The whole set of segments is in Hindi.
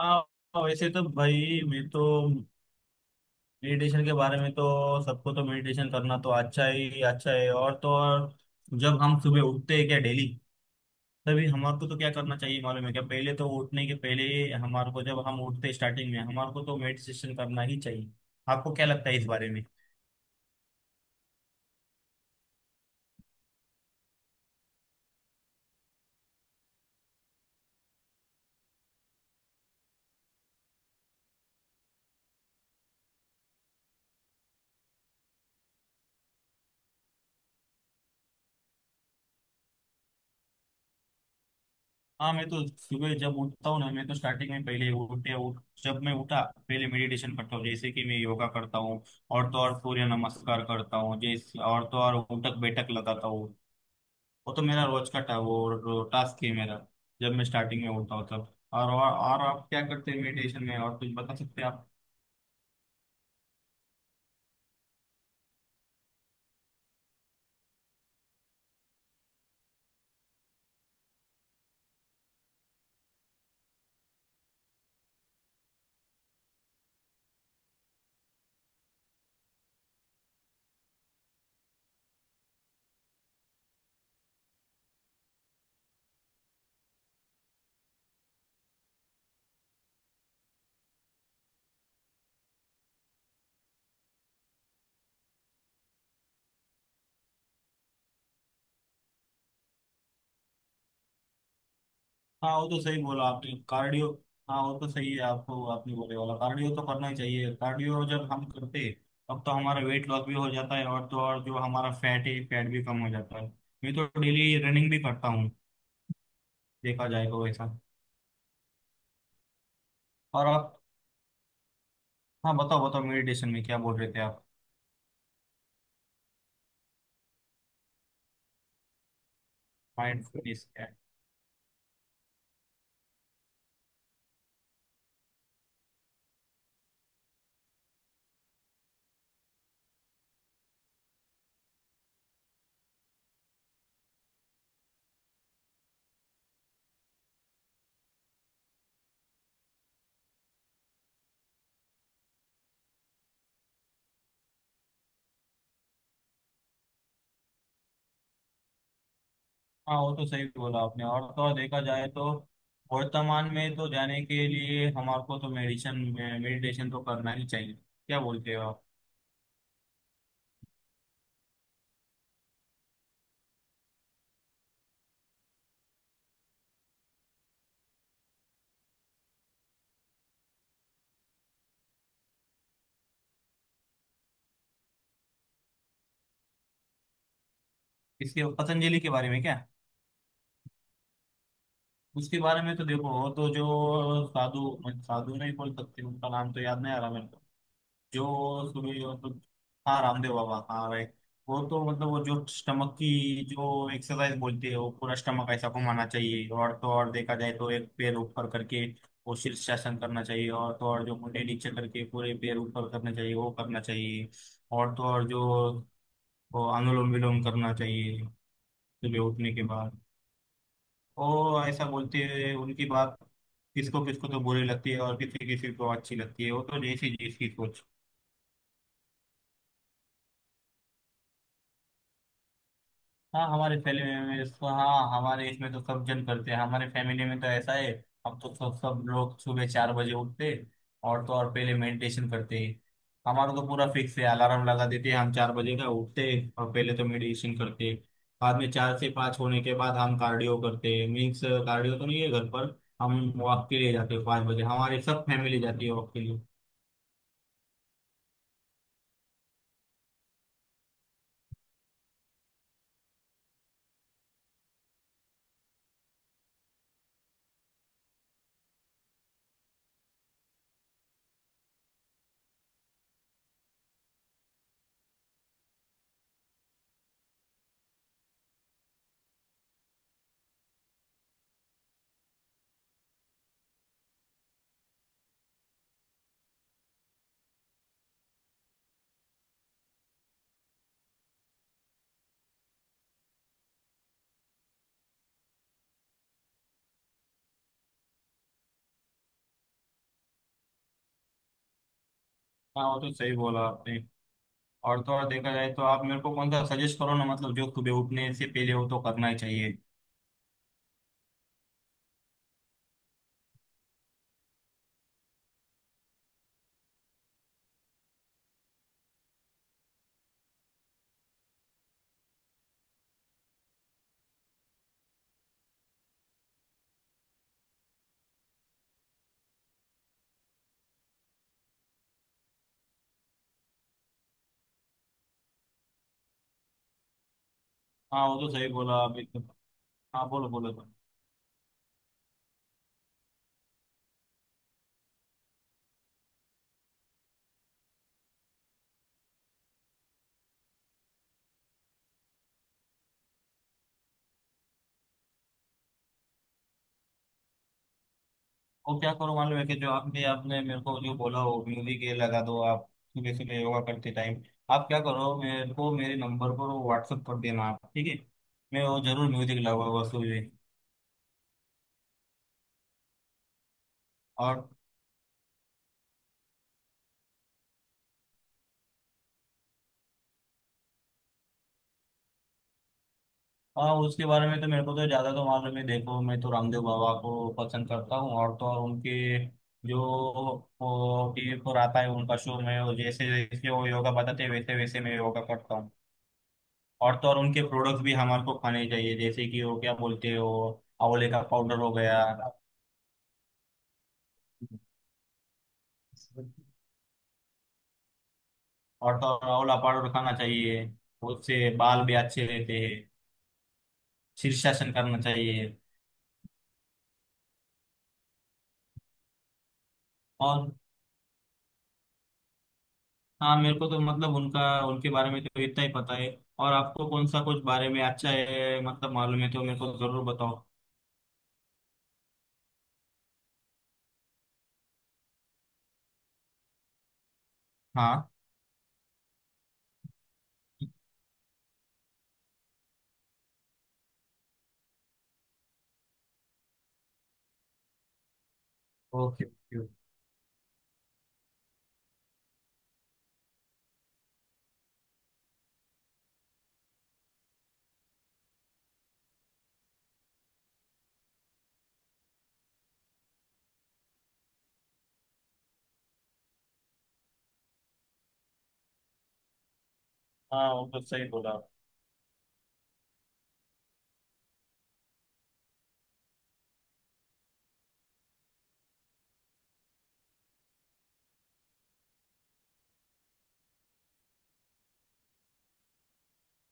हाँ वैसे तो भाई मैं तो मेडिटेशन के बारे में तो सबको तो मेडिटेशन करना तो अच्छा ही अच्छा है। और तो और जब हम सुबह उठते हैं क्या डेली, तभी हमारे को तो क्या करना चाहिए मालूम है? क्या पहले तो उठने के पहले हमारे को जब हम उठते हैं स्टार्टिंग में हमारे को तो मेडिटेशन करना ही चाहिए। आपको क्या लगता है इस बारे में? हाँ मैं तो सुबह जब उठता हूँ ना, मैं तो स्टार्टिंग में पहले उठते उठ जब मैं उठा पहले मेडिटेशन करता हूँ। जैसे कि मैं योगा करता हूँ और तो और सूर्य नमस्कार करता हूँ। जैसे और तो और उठक बैठक लगाता हूँ। वो तो मेरा रोज का वो टास्क है मेरा। जब मैं स्टार्टिंग में होता हूँ तब और आप क्या करते हैं मेडिटेशन में? और कुछ बता सकते हैं आप? हाँ वो तो सही बोला आपने, कार्डियो। हाँ वो तो सही है, आपको आपने बोले वाला कार्डियो तो करना ही चाहिए। कार्डियो जब हम करते हैं तब तो हमारा वेट लॉस भी हो जाता है और तो और जो हमारा फैट है फैट भी कम हो जाता है। मैं तो डेली रनिंग भी करता हूँ। देखा जाए तो वैसा। और आप? हाँ बताओ बताओ, मेडिटेशन में क्या बोल रहे थे आप? माइंडफुलनेस। हाँ वो तो सही बोला आपने। और तो और देखा जाए तो वर्तमान में तो जाने के लिए हमारे को तो मेडिटेशन, मेडिटेशन तो करना ही चाहिए। क्या बोलते हो आप? इसके, पतंजलि के बारे में क्या? उसके बारे में तो देखो, और तो जो साधु, साधु नहीं बोल सकते, उनका नाम तो याद नहीं आ रहा मेरे को, जो सुबह मतलब। हाँ रामदेव बाबा, हाँ राइट। वो तो मतलब वो जो स्टमक की जो एक्सरसाइज बोलते हैं, वो पूरा स्टमक ऐसा घुमाना चाहिए। और तो और देखा जाए तो एक पैर ऊपर करके वो शीर्षासन करना चाहिए। और तो और जो मुंडे नीचे करके पूरे पैर ऊपर करना चाहिए, वो करना चाहिए। और तो और जो वो अनुलोम विलोम करना चाहिए सुबह उठने के बाद। वो ऐसा बोलते हैं, उनकी बात किसको किसको तो बुरी लगती है और किसी किसी को अच्छी लगती है। वो तो जैसी जैसी सोच। हाँ हमारे फैमिली में इसको, हाँ हमारे इसमें तो सब जन करते हैं, हमारे फैमिली में तो ऐसा है। हम तो सब सब लोग सुबह 4 बजे उठते हैं, और तो और पहले मेडिटेशन करते हैं। हमारा तो पूरा फिक्स है, अलार्म लगा देते हैं, हम 4 बजे का उठते हैं और पहले तो मेडिटेशन करते हैं। बाद में 4 से 5 होने के बाद हम कार्डियो करते हैं। मीन्स कार्डियो तो नहीं है घर पर, हम वॉक के लिए जाते हैं। 5 बजे हमारी सब फैमिली जाती है वॉक के लिए। हाँ वो तो सही बोला आपने। और तो और देखा जाए तो आप मेरे को कौन सा सजेस्ट करो ना, मतलब जो सुबह उठने से पहले वो तो करना ही चाहिए। हाँ वो तो सही बोला आप एकदम। हाँ बोलो बोलो बोलो। और क्या करो मालूम है कि जो आपने आपने मेरे को जो बोला हो म्यूजिक, ये लगा दो आप सुबह सुबह योगा करते टाइम। आप क्या करो, मेरे को मेरे नंबर पर वो व्हाट्सअप कर देना आप, ठीक है? मैं वो जरूर म्यूजिक लगाऊंगा सुबह। और। हाँ उसके बारे में तो मेरे को तो ज्यादा तो मालूम है। देखो मैं तो रामदेव बाबा को पसंद करता हूँ और तो और उनके जो वो टीवी पर आता है उनका शो, मैं वो जैसे जैसे वो योगा बताते हैं वैसे वैसे मैं योगा करता हूँ। और तो और उनके प्रोडक्ट्स भी हमारे को खाने चाहिए, जैसे कि वो क्या बोलते हो, आंवले का पाउडर हो गया। और तो और आंवला पाउडर खाना चाहिए, उससे बाल भी अच्छे रहते हैं। शीर्षासन करना चाहिए। और। हाँ मेरे को तो मतलब उनका, उनके बारे में तो इतना ही पता है। और आपको कौन सा कुछ बारे में अच्छा है मतलब मालूम है तो मेरे को जरूर बताओ। हाँ। ओके। हाँ वो तो सही बोला।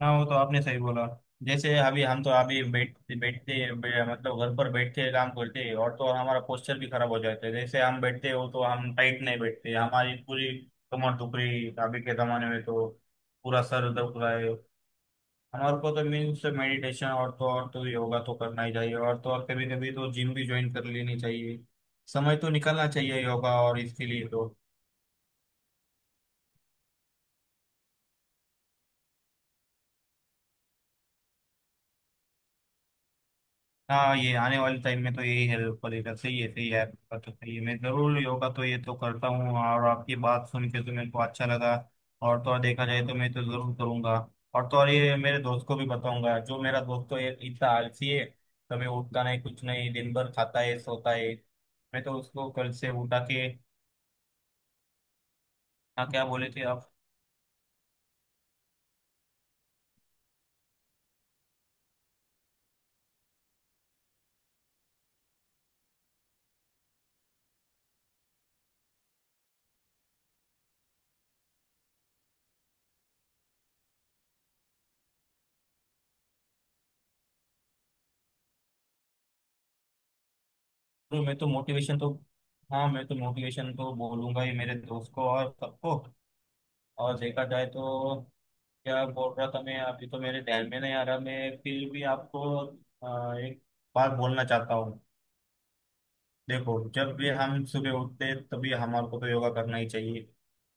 हाँ वो तो आपने सही बोला। जैसे अभी हम तो अभी मतलब घर पर बैठ के काम करते हैं और तो हमारा पोस्चर भी खराब हो जाता है। जैसे हम बैठते हो तो हम टाइट नहीं बैठते, हमारी पूरी कमर दुख रही है अभी के जमाने में तो, पूरा सर दुख रहा है। हमारे को तो मीन्स मेडिटेशन और तो योगा तो करना ही चाहिए। और तो और कभी कभी तो जिम भी ज्वाइन कर लेनी चाहिए। समय तो निकालना चाहिए योगा और इसके लिए तो। हाँ ये आने वाले टाइम में तो यही हेल्प करेगा। सही है सही है, आपका तो सही है। मैं जरूर योगा तो ये तो करता हूँ और आपकी बात सुन के तो मेरे को अच्छा लगा। और तो और देखा जाए तो मैं तो जरूर करूँगा। और तो और ये मेरे दोस्त को भी बताऊंगा, जो मेरा दोस्त तो ये इतना आलसी है, कभी उठता नहीं कुछ नहीं, दिन भर खाता है सोता है। मैं तो उसको कल से उठा के। हाँ क्या बोले थे आप? तो मैं तो मोटिवेशन तो, हाँ मैं तो मोटिवेशन तो बोलूंगा ही मेरे दोस्त को और सबको। और देखा जाए तो क्या बोल रहा था मैं अभी तो मेरे ध्यान में नहीं आ रहा। मैं फिर भी आपको एक बात बोलना चाहता हूँ। देखो जब भी हम सुबह उठते हैं, तभी हमारे को तो योगा करना ही चाहिए।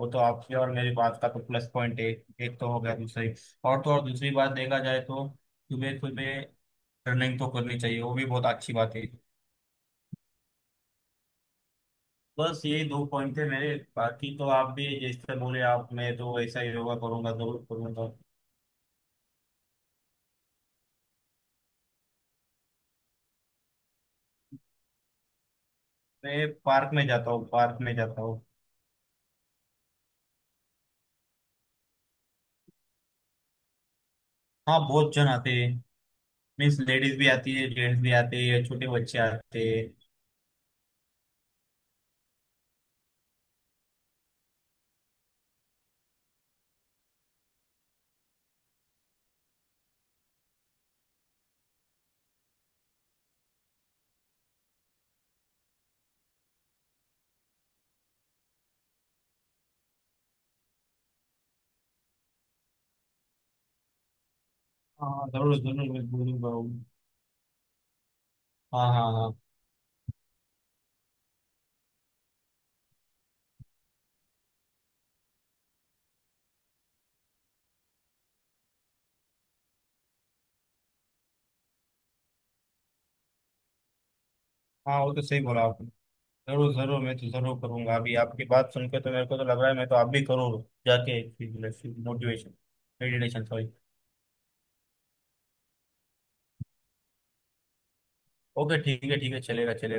वो तो आपकी और मेरी बात का तो प्लस पॉइंट है। एक तो हो गया, दूसरी। और तो और दूसरी बात देखा जाए तो सुबह सुबह रनिंग तो करनी चाहिए, वो भी बहुत अच्छी बात है। बस यही दो पॉइंट थे मेरे, बाकी तो आप भी जैसे बोले आप, मैं तो ऐसा ही योगा करूंगा, जरूर करूंगा। मैं पार्क में जाता हूँ, पार्क में जाता हूँ। हाँ बहुत जन आते हैं। मीन्स लेडीज भी आती है, जेंट्स भी आते हैं, छोटे बच्चे आते हैं। हाँ हाँ, जरूर जरूर मैं बोलूंगा वो। हाँ हाँ हाँ। हाँ वो तो सही बोला आपने। जरूर जरूर मैं तो जरूर करूंगा। अभी आपकी बात सुनकर तो मेरे को तो लग रहा है मैं तो आप भी करूँ जाके। मोटिवेशन। Meditation sorry. ओके ठीक है ठीक है, चलेगा चलेगा।